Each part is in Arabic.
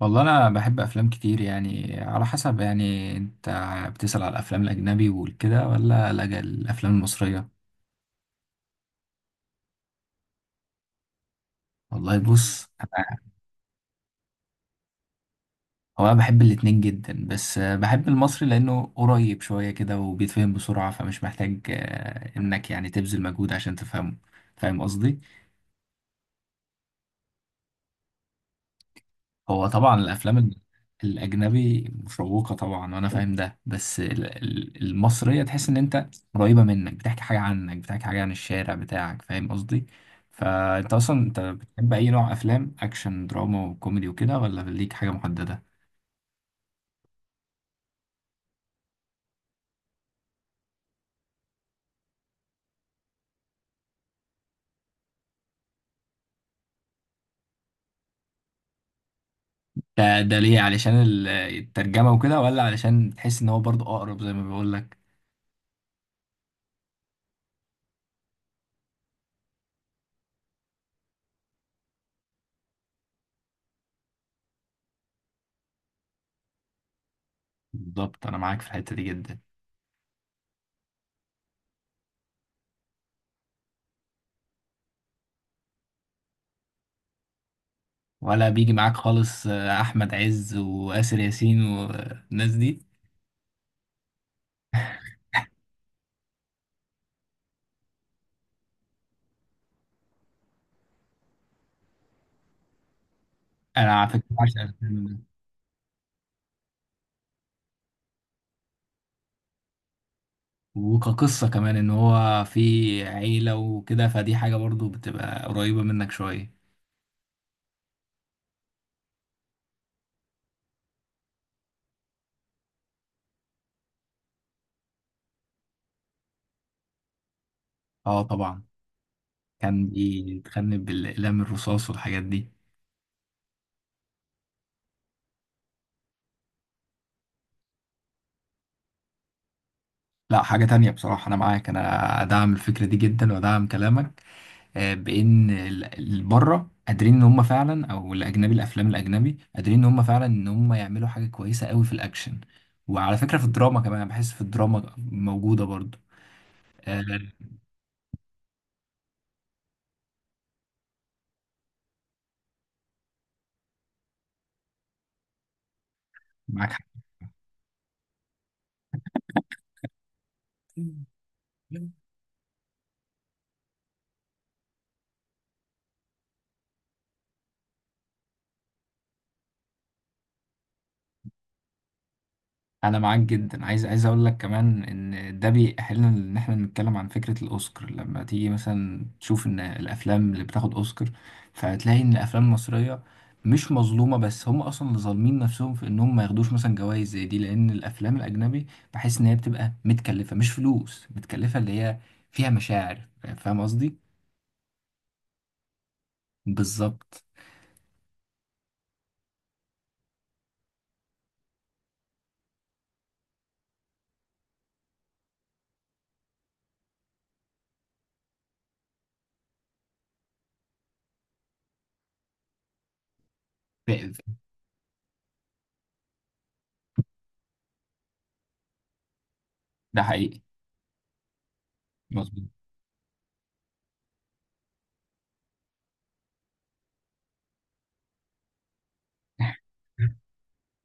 والله انا بحب افلام كتير، يعني على حسب. يعني انت بتسأل على الافلام الاجنبي والكده ولا لا الافلام المصرية؟ والله بص، هو انا بحب الاتنين جدا، بس بحب المصري لانه قريب شوية كده وبيتفهم بسرعة، فمش محتاج انك يعني تبذل مجهود عشان تفهمه. فاهم قصدي؟ هو طبعا الاجنبي مشوقه طبعا وانا فاهم ده، بس المصريه تحس ان انت قريبه منك، بتحكي حاجه عنك، بتحكي حاجه عن الشارع بتاعك. فاهم قصدي؟ فانت اصلا بتحب اي نوع، افلام اكشن دراما وكوميدي وكده، ولا ليك حاجه محدده؟ ده ليه، علشان الترجمه وكده، ولا علشان تحس ان هو برضو اقرب زي ما بقول لك؟ بالظبط، انا معاك في الحته دي جدا. ولا بيجي معاك خالص احمد عز واسر ياسين والناس دي؟ انا على فكره بعشق الفيلم ده. وكقصة كمان، ان هو في عيلة وكده، فدي حاجة برضو بتبقى قريبة منك شوية. اه طبعا، كان بيتخنب بالاقلام الرصاص والحاجات دي. لا حاجة تانية بصراحة، انا معاك، انا ادعم الفكرة دي جدا وادعم كلامك. بان بره قادرين ان هم فعلا، او الافلام الاجنبي قادرين ان هم فعلا ان هم يعملوا حاجة كويسة قوي في الاكشن. وعلى فكرة في الدراما كمان، أنا بحس في الدراما موجودة برضو. آه، معاك حق. انا معاك جدا. عايز اقول لك كمان ان ده بيأهلنا ان احنا نتكلم عن فكرة الاوسكار. لما تيجي مثلا تشوف ان الافلام اللي بتاخد اوسكار، فهتلاقي ان الافلام المصرية مش مظلومة، بس هم اصلا اللي ظالمين نفسهم في انهم ما ياخدوش مثلا جوائز زي دي، لان الافلام الاجنبي بحس ان هي بتبقى متكلفة، مش فلوس متكلفة، اللي هي فيها مشاعر. فاهم قصدي؟ بالظبط. ف- ف- ده حقيقي. مظبوط.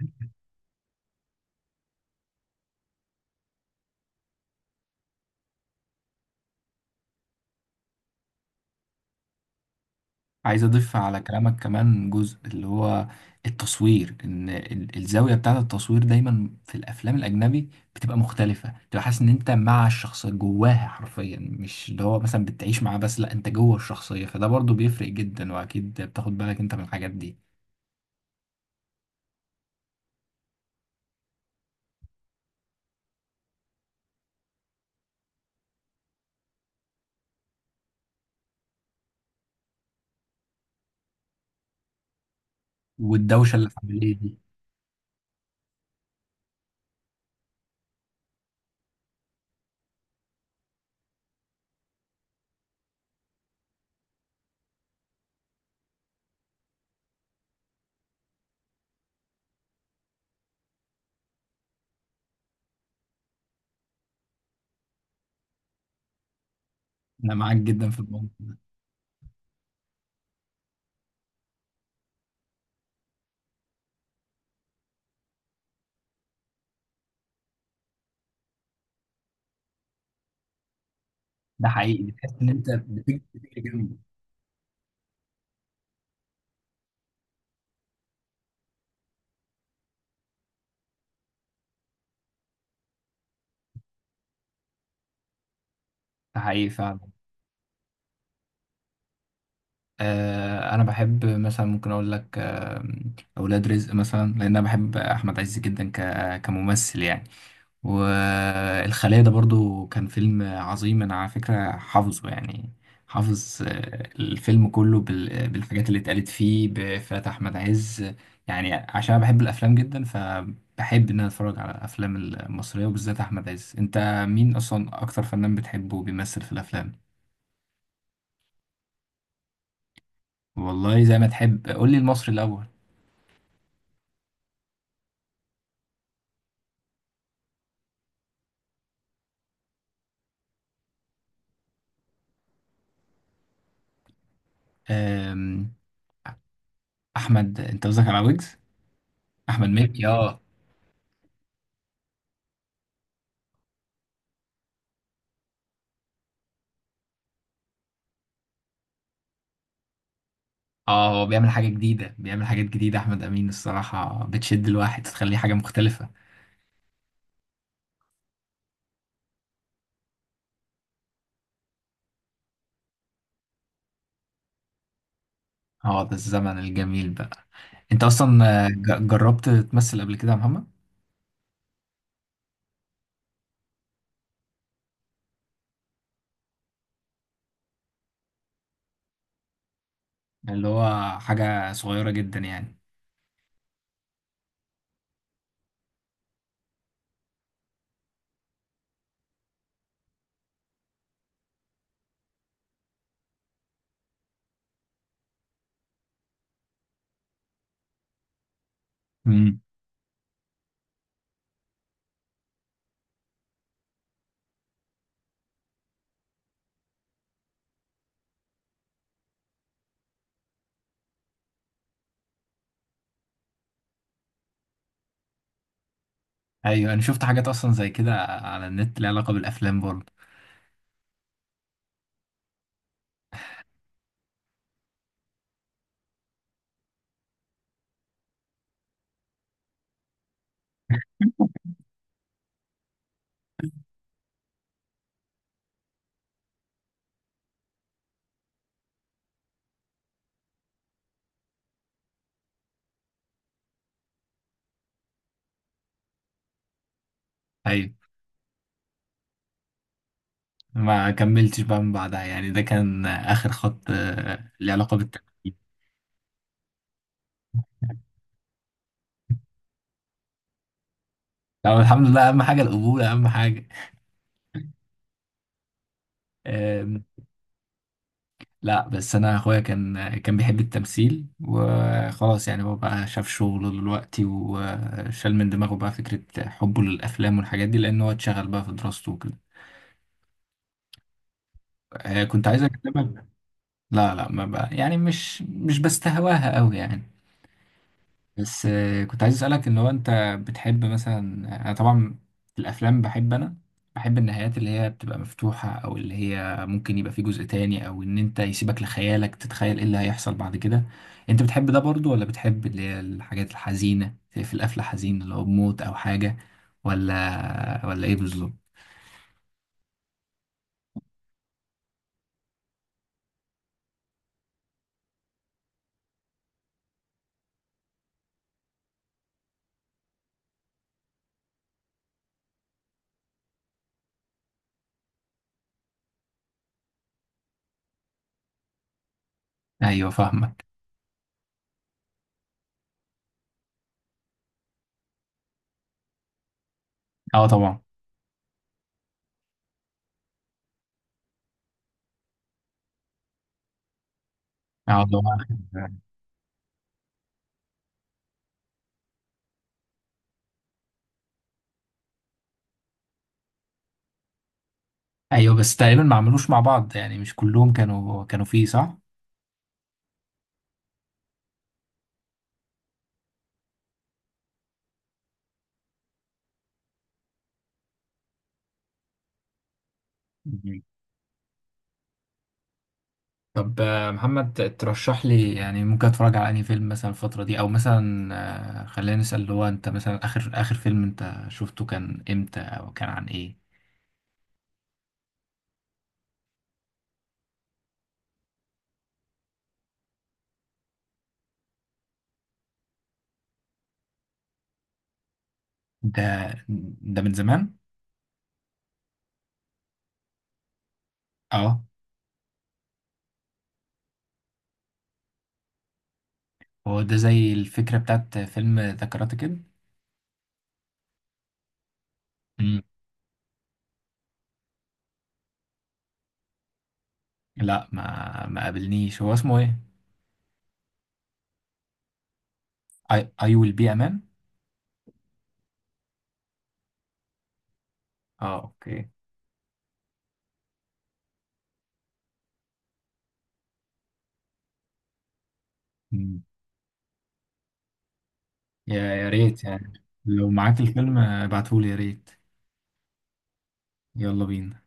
عايز اضيف على كلامك كمان جزء، اللي هو التصوير. ان الزاويه بتاعه التصوير دايما في الافلام الاجنبي بتبقى مختلفه، بتبقى حاسس ان انت مع الشخصيه جواها حرفيا، مش اللي هو مثلا بتعيش معاه، بس لا انت جوه الشخصيه، فده برضو بيفرق جدا، واكيد بتاخد بالك انت من الحاجات دي. والدوشه اللي حواليه دي. انا معاك جدا في الموضوع. ده حقيقي، بتحس ان انت بتجري جنبه. ده حقيقي فعلا. انا بحب مثلا، ممكن اقول لك اولاد رزق مثلا، لان انا بحب احمد عز جدا كممثل يعني. والخلية ده برضو كان فيلم عظيم، انا على فكرة حافظه يعني. حافظ الفيلم كله بالحاجات اللي اتقالت فيه بإفيهات احمد عز. يعني عشان أنا بحب الافلام جدا، فبحب ان انا اتفرج على الافلام المصرية، وبالذات احمد عز. انت مين اصلا اكتر فنان بتحبه بيمثل في الافلام؟ والله زي ما تحب، قول لي المصري الاول. آم، احمد، انت قصدك على ويجز؟ احمد مكي، اه. اه، هو بيعمل حاجه جديده، بيعمل حاجات جديده. احمد امين الصراحه بتشد الواحد، تخليه حاجه مختلفه. اه، ده الزمن الجميل بقى. انت اصلا، جربت تمثل قبل كده يا محمد؟ اللي هو حاجه صغيره جدا يعني. امم. ايوه، انا شفت حاجات اصلا زي كده على النت ليها علاقه بالافلام برضه. ايوه، ما كملتش بقى من بعدها يعني؟ ده كان اخر خط ليه علاقه بالتمثيل؟ طب الحمد لله، اهم حاجه القبول، اهم حاجه. لا، بس انا اخويا كان بيحب التمثيل وخلاص يعني، هو بقى شاف شغله دلوقتي، وشال من دماغه بقى فكرة حبه للافلام والحاجات دي، لان هو اتشغل بقى في دراسته وكده. كنت عايز اكلمك. لا لا، ما بقى يعني، مش بستهواها قوي يعني. بس كنت عايز اسالك ان هو انت بتحب مثلا، انا طبعا في الافلام بحب انا، بحب النهايات اللي هي بتبقى مفتوحه، او اللي هي ممكن يبقى في جزء تاني، او ان انت يسيبك لخيالك تتخيل ايه اللي هيحصل بعد كده. انت بتحب ده برضو، ولا بتحب اللي هي الحاجات الحزينه في القفله، حزين اللي هو بموت او حاجه، ولا ايه بالظبط؟ ايوه، فاهمك. اه طبعا. اه طبعا. ايوه، بس تقريبا ما عملوش مع بعض يعني، مش كلهم كانوا فيه، صح؟ طب محمد، ترشح لي يعني ممكن اتفرج على انهي فيلم مثلا الفترة دي، او مثلا، خلينا نسأل اللي هو، انت مثلا اخر فيلم انت شفته كان امتى او كان عن ايه؟ ده ده من زمان. اه. هو ده زي الفكرة بتاعت فيلم ذا كاراتيه كيد. مم. لا، ما ما قابلنيش، هو اسمه ايه؟ اي، اي ويل بي امان؟ اه، اوكي. مم. يا يا ريت يعني. لو معاك الفيلم ابعتهولي يا ريت. يلا بينا.